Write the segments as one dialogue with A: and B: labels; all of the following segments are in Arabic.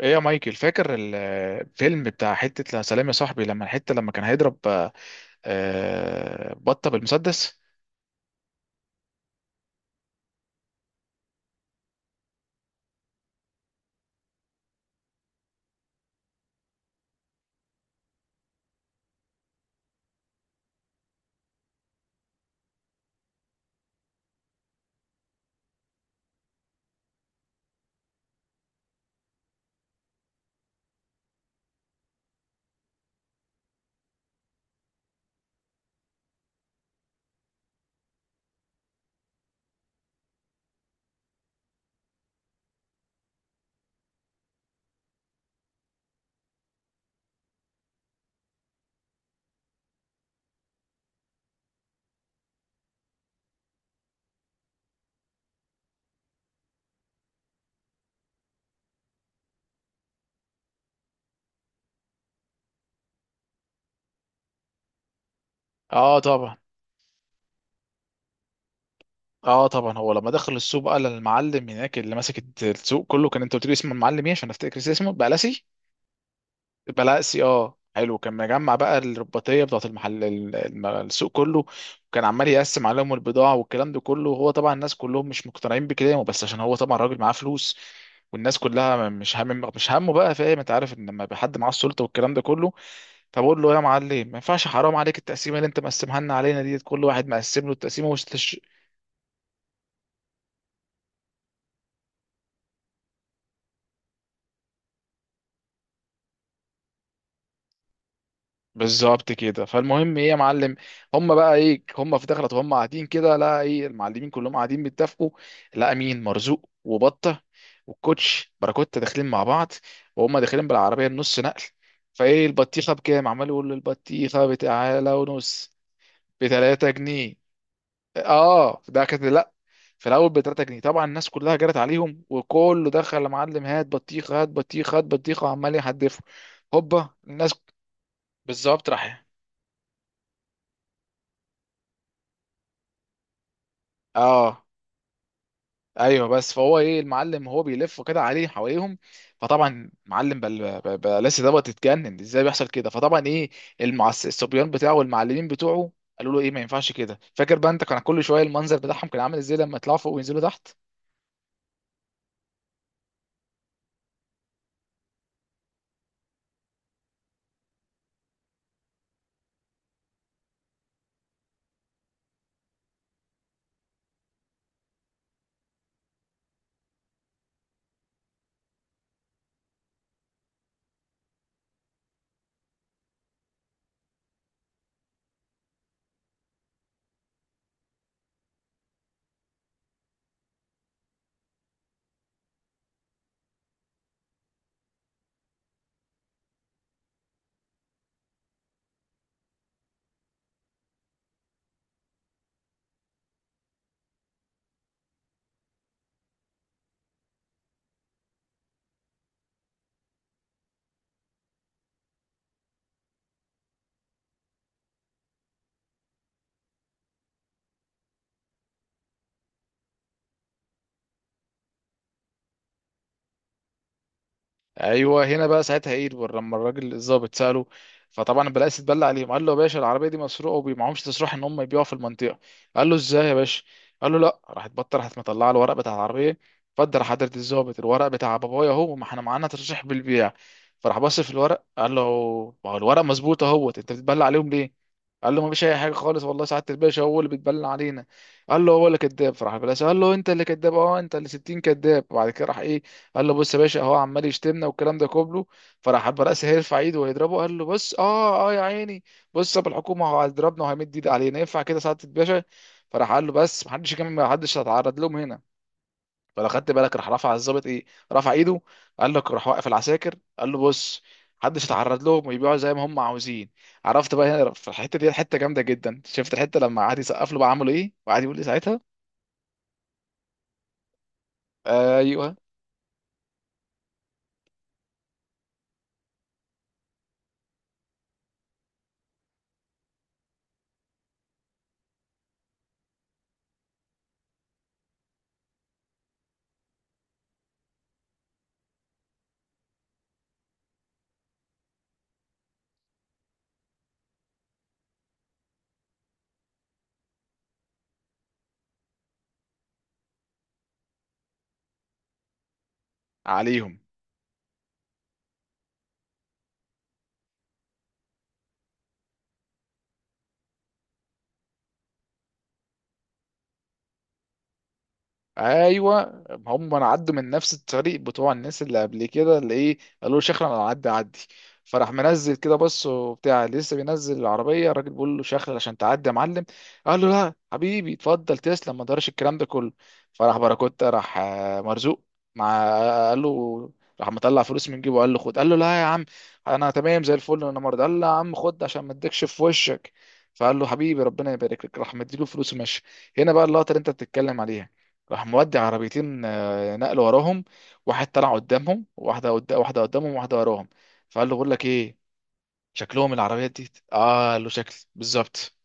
A: ايه يا مايكل، فاكر الفيلم بتاع حتة لا سلام يا صاحبي؟ لما الحتة لما كان هيضرب بطة بالمسدس. اه طبعا. اه طبعا هو لما دخل السوق بقى للمعلم هناك اللي ماسك السوق كله، كان انت قلت لي اسم المعلم ايه عشان افتكر اسمه بقى لاسي. بلاقسي اه، حلو. كان مجمع بقى الرباطيه بتاعت المحل السوق كله، وكان عمال يقسم عليهم البضاعه والكلام ده كله، وهو طبعا الناس كلهم مش مقتنعين بكلامه، بس عشان هو طبعا راجل معاه فلوس والناس كلها مش همه بقى، فاهم؟ انت عارف ان لما يبقى حد معاه السلطه والكلام ده كله، فبقول له يا معلم ما ينفعش، حرام عليك التقسيمه اللي انت مقسمها لنا علينا دي، كل واحد مقسم له التقسيمه. بالظبط كده. فالمهم ايه يا معلم، هم بقى ايه، هم في دخلت وهم قاعدين كده، لا ايه، المعلمين كلهم قاعدين بيتفقوا. لا، مين؟ مرزوق وبطه والكوتش باراكوتا داخلين مع بعض، وهم داخلين بالعربيه النص نقل. فايه البطيخه بكام؟ عمال يقول له البطيخه بتعالى ونص، ب 3 جنيه. اه ده كانت، لا، في الاول ب 3 جنيه. طبعا الناس كلها جرت عليهم وكله دخل يا معلم هات بطيخه هات بطيخه هات بطيخه وعمال يحدفوا هوبا الناس. بالظبط. راح اه، ايوه. بس فهو ايه المعلم هو بيلف كده عليه حواليهم، فطبعا معلم بلاسي دوت اتجنن ازاي بيحصل كده. فطبعا ايه، الصبيان بتاعه والمعلمين بتوعه قالوا له ايه، ما ينفعش كده. فاكر بقى انت كان كل شويه المنظر بتاعهم كان عامل ازاي لما يطلعوا فوق وينزلوا تحت؟ ايوه هنا بقى ساعتها ايه، لما الراجل الظابط ساله، فطبعا البلاقي اتبلى عليهم. قال له يا باشا، العربيه دي مسروقه ومعهمش تصريح ان هم يبيعوا في المنطقه. قال له ازاي يا باشا؟ قال له لا. راحت بطه راحت مطلعه الورق بتاع العربيه. اتفضل يا حضره الظابط، الورق بتاع بابايا اهو، ما احنا معانا تصريح بالبيع. فراح بص في الورق قال له ما هو الورق مظبوط اهوت، انت بتتبلى عليهم ليه؟ قال له ما فيش اي حاجه خالص والله سعاده الباشا، هو اللي بيتبلى علينا. قال له هو اللي كذاب. فراح البلاقي قال له انت اللي كذاب. اه انت اللي 60 كذاب. وبعد كده راح ايه، قال له بص يا باشا اهو عمال يشتمنا والكلام ده كله. فراح حب راسه هيرفع ايده ويضربه، قال له بص اه اه يا عيني، بص طب الحكومه، هو هيضربنا وهيمد ايد علينا؟ ينفع كده سعاده الباشا؟ فراح قال له بس، محدش يكمل، محدش هيتعرض لهم هنا. فلو خدت بالك راح رفع الظابط ايه، رفع ايده، قال لك راح واقف العساكر قال له بص، محدش يتعرض لهم ويبيعوا زي ما هم عاوزين. عرفت بقى؟ هنا في الحته دي حته جامده جدا. شفت الحته لما قعد يسقف له بقى، عملوا ايه وقعد يقول لي ساعتها. ايوه عليهم. ايوه هم انا عدوا من نفس الطريق بتوع الناس اللي قبل كده اللي ايه قالوا له شخرا انا، عدي عدي. فراح منزل كده بص وبتاع، لسه بينزل العربيه الراجل بيقول له شخرا عشان تعدي يا معلم. قال له لا حبيبي، اتفضل، تسلم، ما دارش الكلام ده كله. فراح باراكوتا، راح مرزوق مع، قال له، راح مطلع فلوس من جيبه قال له خد. قال له لا يا عم، انا تمام زي الفل، انا مرضى. قال له يا عم خد عشان ما اديكش في وشك. فقال له حبيبي ربنا يبارك لك، راح مديله فلوس ومشي. هنا بقى اللقطه اللي انت بتتكلم عليها. راح مودي عربيتين نقل وراهم، واحد طلع قدامهم، واحده قدام واحده قدامهم، واحده وراهم. فقال له بقول لك ايه، شكلهم العربيات دي اه. قال له شكل بالظبط.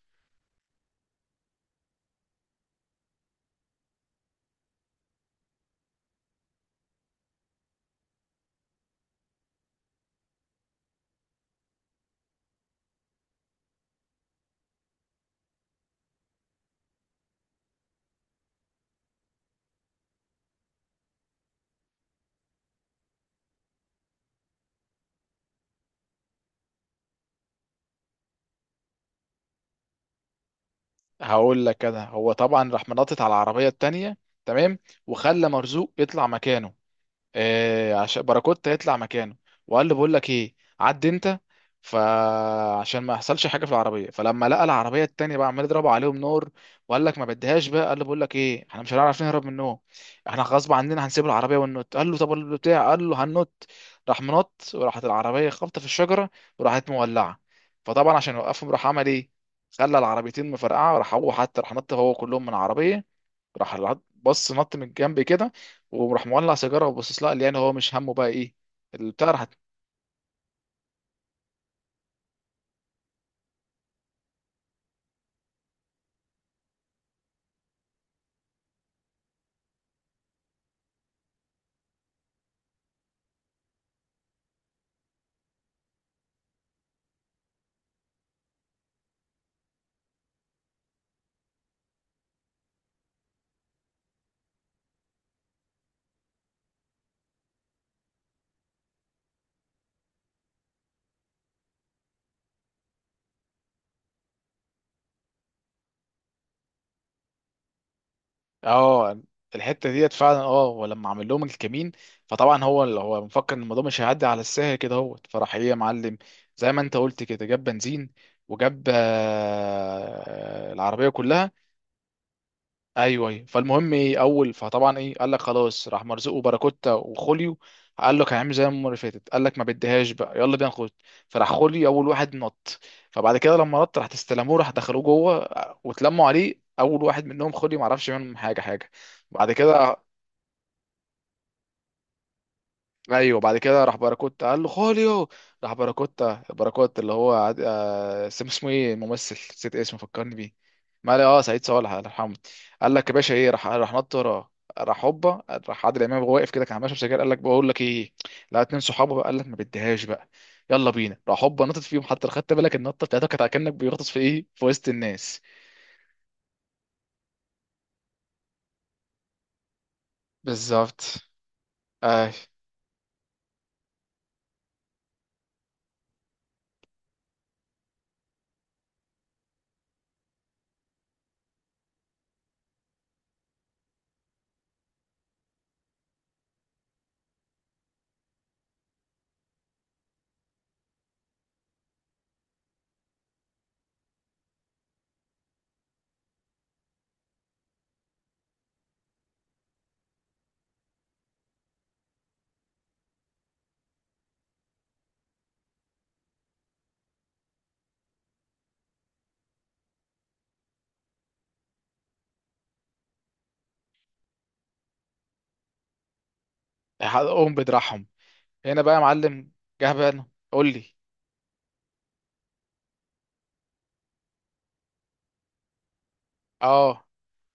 A: هقول لك انا. هو طبعا راح منطط على العربيه التانيه، تمام، وخلى مرزوق يطلع مكانه، آه عشان باراكوتا يطلع مكانه. وقال له بقول لك ايه، عد انت، فعشان ما يحصلش حاجه في العربيه. فلما لقى العربيه التانيه بقى عمال يضربوا عليهم نار، وقال لك ما بديهاش بقى. قال له بقول لك ايه، احنا مش هنعرف نهرب منهم، احنا غصب عننا هنسيب العربيه وننط. قال له طب البتاع؟ قال له هننط. راح منط وراحت العربيه خبطه في الشجره وراحت مولعه. فطبعا عشان يوقفهم راح عمل ايه، خلى العربيتين مفرقعه، راح هو حتى راح نط هو كلهم من العربيه. راح بص نط من الجنب كده، وراح مولع سيجاره وبصص لها. قال لي يعني هو مش همه بقى ايه. البتاع راح اه. الحته ديت فعلا، اه، ولما عمل لهم الكمين، فطبعا هو اللي هو مفكر ان الموضوع مش هيعدي على السهل كده اهوت. فراح ايه يا معلم، زي ما انت قلت كده، جاب بنزين وجاب العربيه كلها. ايوه ايوه. فالمهم ايه، اول فطبعا ايه قال لك خلاص، راح مرزوق وباراكوتا وخوليو، قال لك هنعمل زي المره اللي فاتت، قال لك ما بديهاش بقى يلا بينا نخش. فراح خوليو اول واحد نط، فبعد كده لما نط راح تستلموه، راح دخلوه جوه واتلموا عليه. اول واحد منهم خوليو ما عرفش منهم حاجه. بعد كده، ايوه بعد كده، باراكوتا قال له خوليو. راح باراكوتا باراكوتا اللي هو اسمه ايه الممثل، نسيت اسمه، فكرني بيه. ما اه سعيد صالح، الله يرحمه. قال لك يا باشا ايه، راح نط وراه، راح هوبا. راح عادل امام وهو واقف كده كان ماشي سجاير، قال لك بقول لك ايه، لا اتنين صحابه بقى، قال لك ما بديهاش بقى يلا بينا. راح هوبا نطت فيهم. حتى لو خدت بالك النطه بتاعته كانت كانك بيغطس في ايه، في وسط الناس. بالظبط. اي، حقهم بدراعهم. هنا بقى يا معلم جه بقى. قول لي. اه،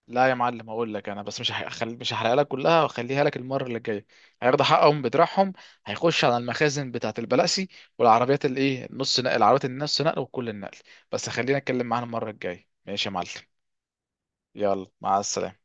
A: لا يا معلم اقول لك انا، بس مش هحرقها لك كلها واخليها لك المره اللي جايه. هياخدوا حقهم بدراعهم، هيخش على المخازن بتاعه البلاسي والعربيات نص نقل، العربيات النص نقل وكل النقل. بس خلينا اتكلم معانا المره الجايه ماشي يا معلم؟ يلا، مع السلامه.